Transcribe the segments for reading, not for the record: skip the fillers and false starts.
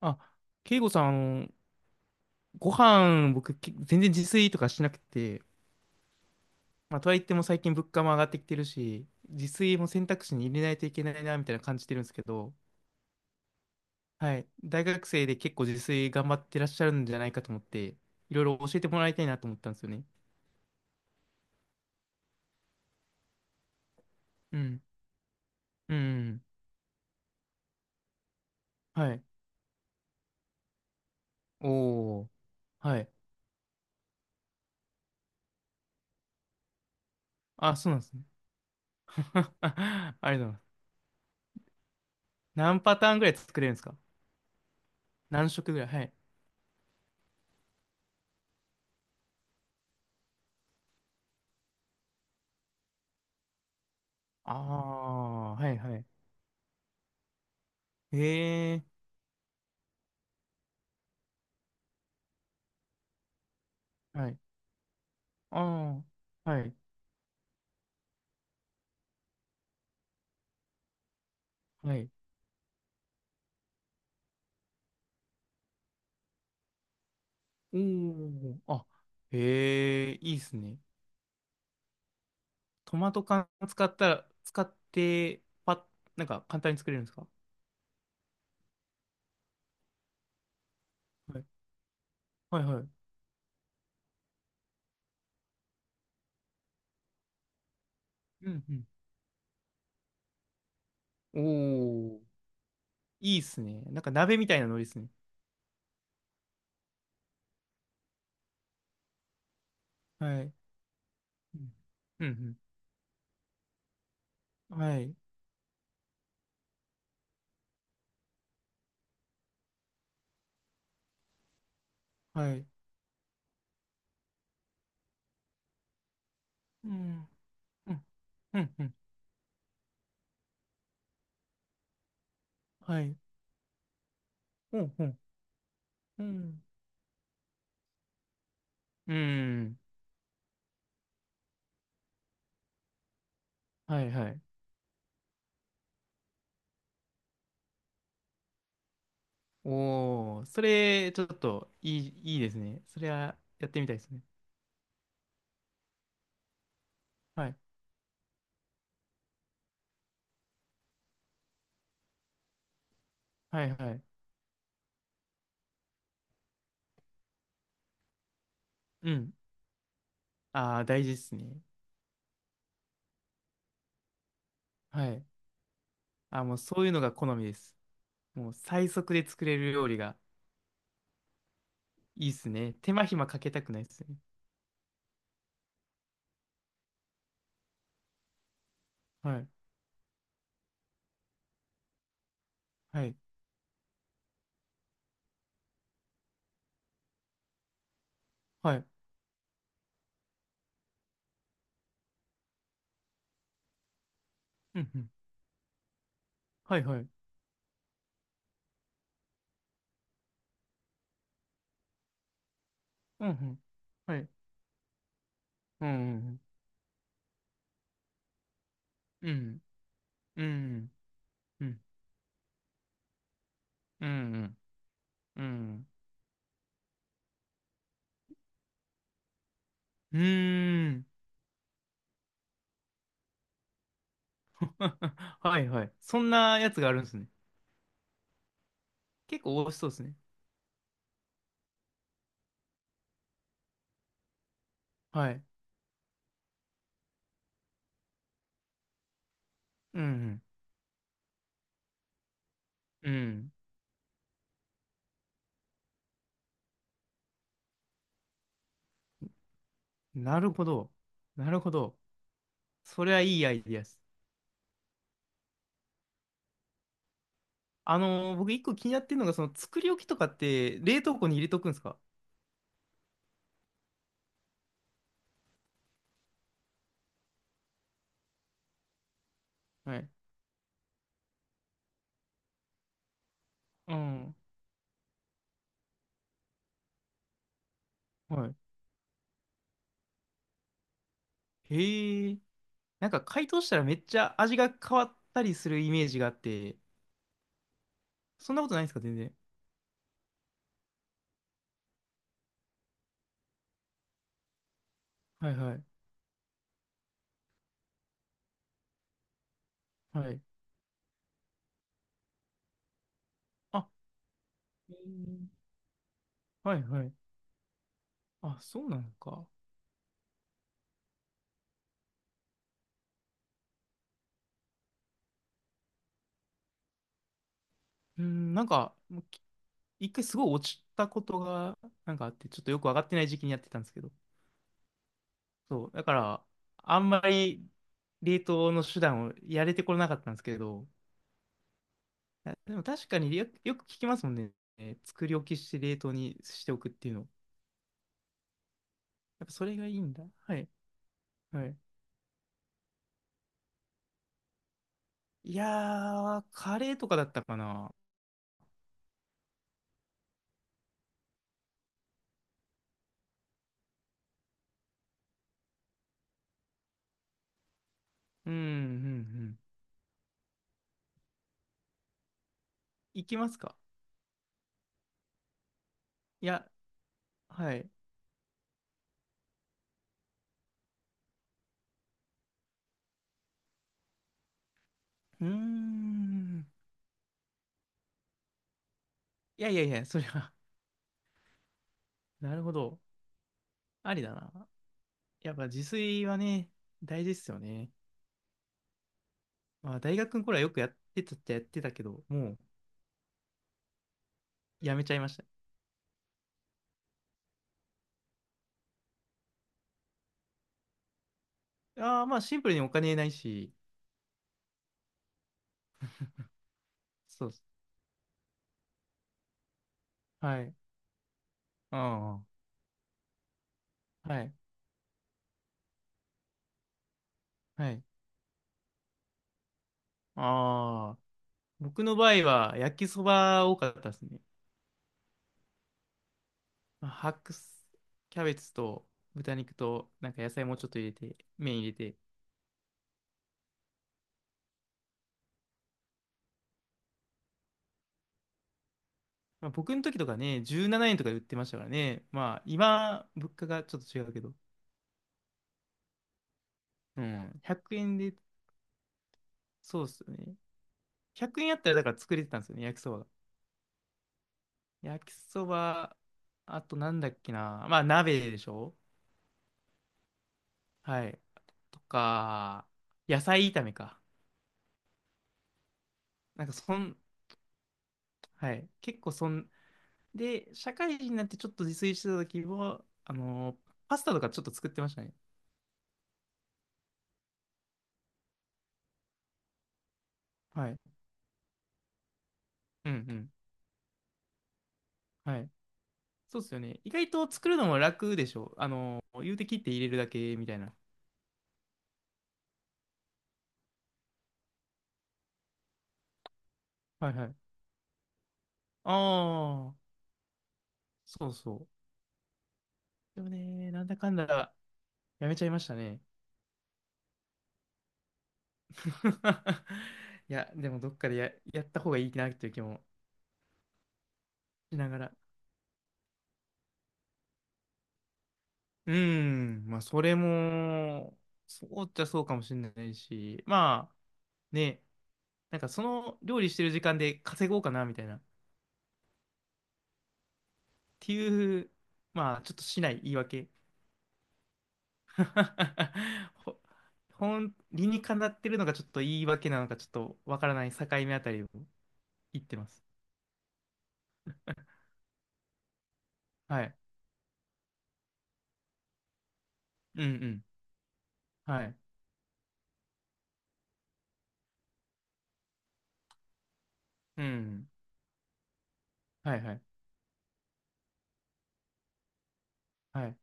あ、慶吾さん、の、ご飯、僕、全然自炊とかしなくて、とはいっても最近物価も上がってきてるし、自炊も選択肢に入れないといけないな、みたいな感じてるんですけど、はい、大学生で結構自炊頑張ってらっしゃるんじゃないかと思って、いろいろ教えてもらいたいなと思ったんですよね。うん、うん、はい。おー、はい。あ、そうなんですね。ありがとうございます。何パターンぐらい作れるんですか？何色ぐらい、はい。ああ、はいはい。ええ、はい。ああ、はい、はい。おー、あ、へえ、いいっすね。トマト缶使ったら、使って、パッ、なんか簡単に作れるんですか？はい、はい、はい。うん、うん。おー、いいっすね。なんか鍋みたいなノリっすね。はい。うん、うん、うん、はい、はい。うん、うん、うん、うん、はい。うん、うん、うん。うん、はい、はい。おー、それ、ちょっと、いい、いいですね。それは、やってみたいですね。はいはいはい。うん。ああ、大事ですね。はい。あー、もうそういうのが好みです。もう最速で作れる料理がいいですね。手間暇かけたくないですね。はい。はい。はい。うんうん。はいはい。うんうん。はい。うんうんうん。うん。うん。うん。うん。うん。うん。はいはい。そんなやつがあるんですね。結構美味しそうですね。はい。うんうん。うん。なるほど。なるほど。それはいいアイディアです。僕一個気になってるのが、その作り置きとかって冷凍庫に入れとくんですか？はい。うん。はい。へえ。なんか解凍したらめっちゃ味が変わったりするイメージがあって、そんなことないんですか、全然。はいはい。はい。あ、へえ、はいはい。あ、そうなのか。うん、もうき一回すごい落ちたことが、なんかあって、ちょっとよくわかってない時期にやってたんですけど。そう。だから、あんまり冷凍の手段をやれてこなかったんですけど、あ、でも確かによく聞きますもんね。えー、作り置きして冷凍にしておくっていうの。やっぱそれがいいんだ。はい。はい。いやー、カレーとかだったかな。うん、うん、うん。いきますか？いや、はい。うーん。いやいやいや、それは なるほど。ありだな。やっぱ自炊はね、大事ですよね。まあ、大学の頃はよくやってたっちゃやってたけど、もうやめちゃいました。ああ、シンプルにお金ないし、そうっす。はい。ああ、はい。はい。ああ、僕の場合は焼きそば多かったですね。まあ白菜、キャベツと豚肉となんか野菜もうちょっと入れて、麺入れて。まあ、僕の時とかね、17円とかで売ってましたからね。まあ今、物価がちょっと違うけど。うん、100円で、そうっすよね。100円あったらだから作れてたんですよね、焼きそばが。焼きそば、あとなんだっけな。まあ鍋でしょ。はい。とか、野菜炒めか。なんかそん、はい。結構そん、で、社会人になってちょっと自炊してた時は、パスタとかちょっと作ってましたね。はい。うんうん。はい。そうっすよね。意外と作るのも楽でしょ。あのー、言うて切って入れるだけみたいな。はいはい。ああ、そうそう。でもね、なんだかんだやめちゃいましたね。いや、でもどっかでやった方がいいなっていう気もしながら。うーん、まあそれも、そうっちゃそうかもしれないし、まあね、なんかその料理してる時間で稼ごうかなみたいな。っていう、まあちょっとしない言い訳。ほ、本理にかなってるのがちょっと言い訳なのかちょっとわからない境目あたりを言ってます。はい。うんうん。はい。うん。はいはい。はい。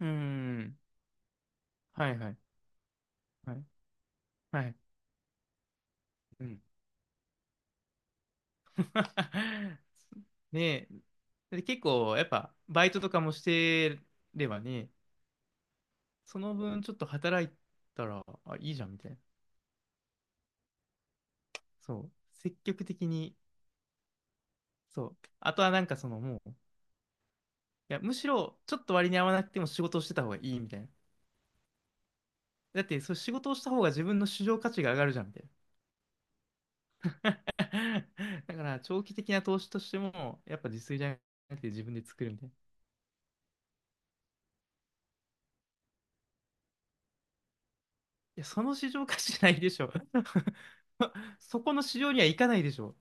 うん。はいはい。はい。はい。うん。ねえ。で、結構やっぱバイトとかもしてればね、その分ちょっと働いたら、あ、いいじゃんみたいな。そう、積極的に、そう、あとはなんかそのもう、いや、むしろちょっと割に合わなくても仕事をしてた方がいいみたいな。だって、そう仕事をした方が自分の市場価値が上がるじゃんみたいな。だから、長期的な投資としても、やっぱ自炊じゃなくて自分で作るみたいな。いや、その市場価値ないでしょ。そこの市場には行かないでしょ。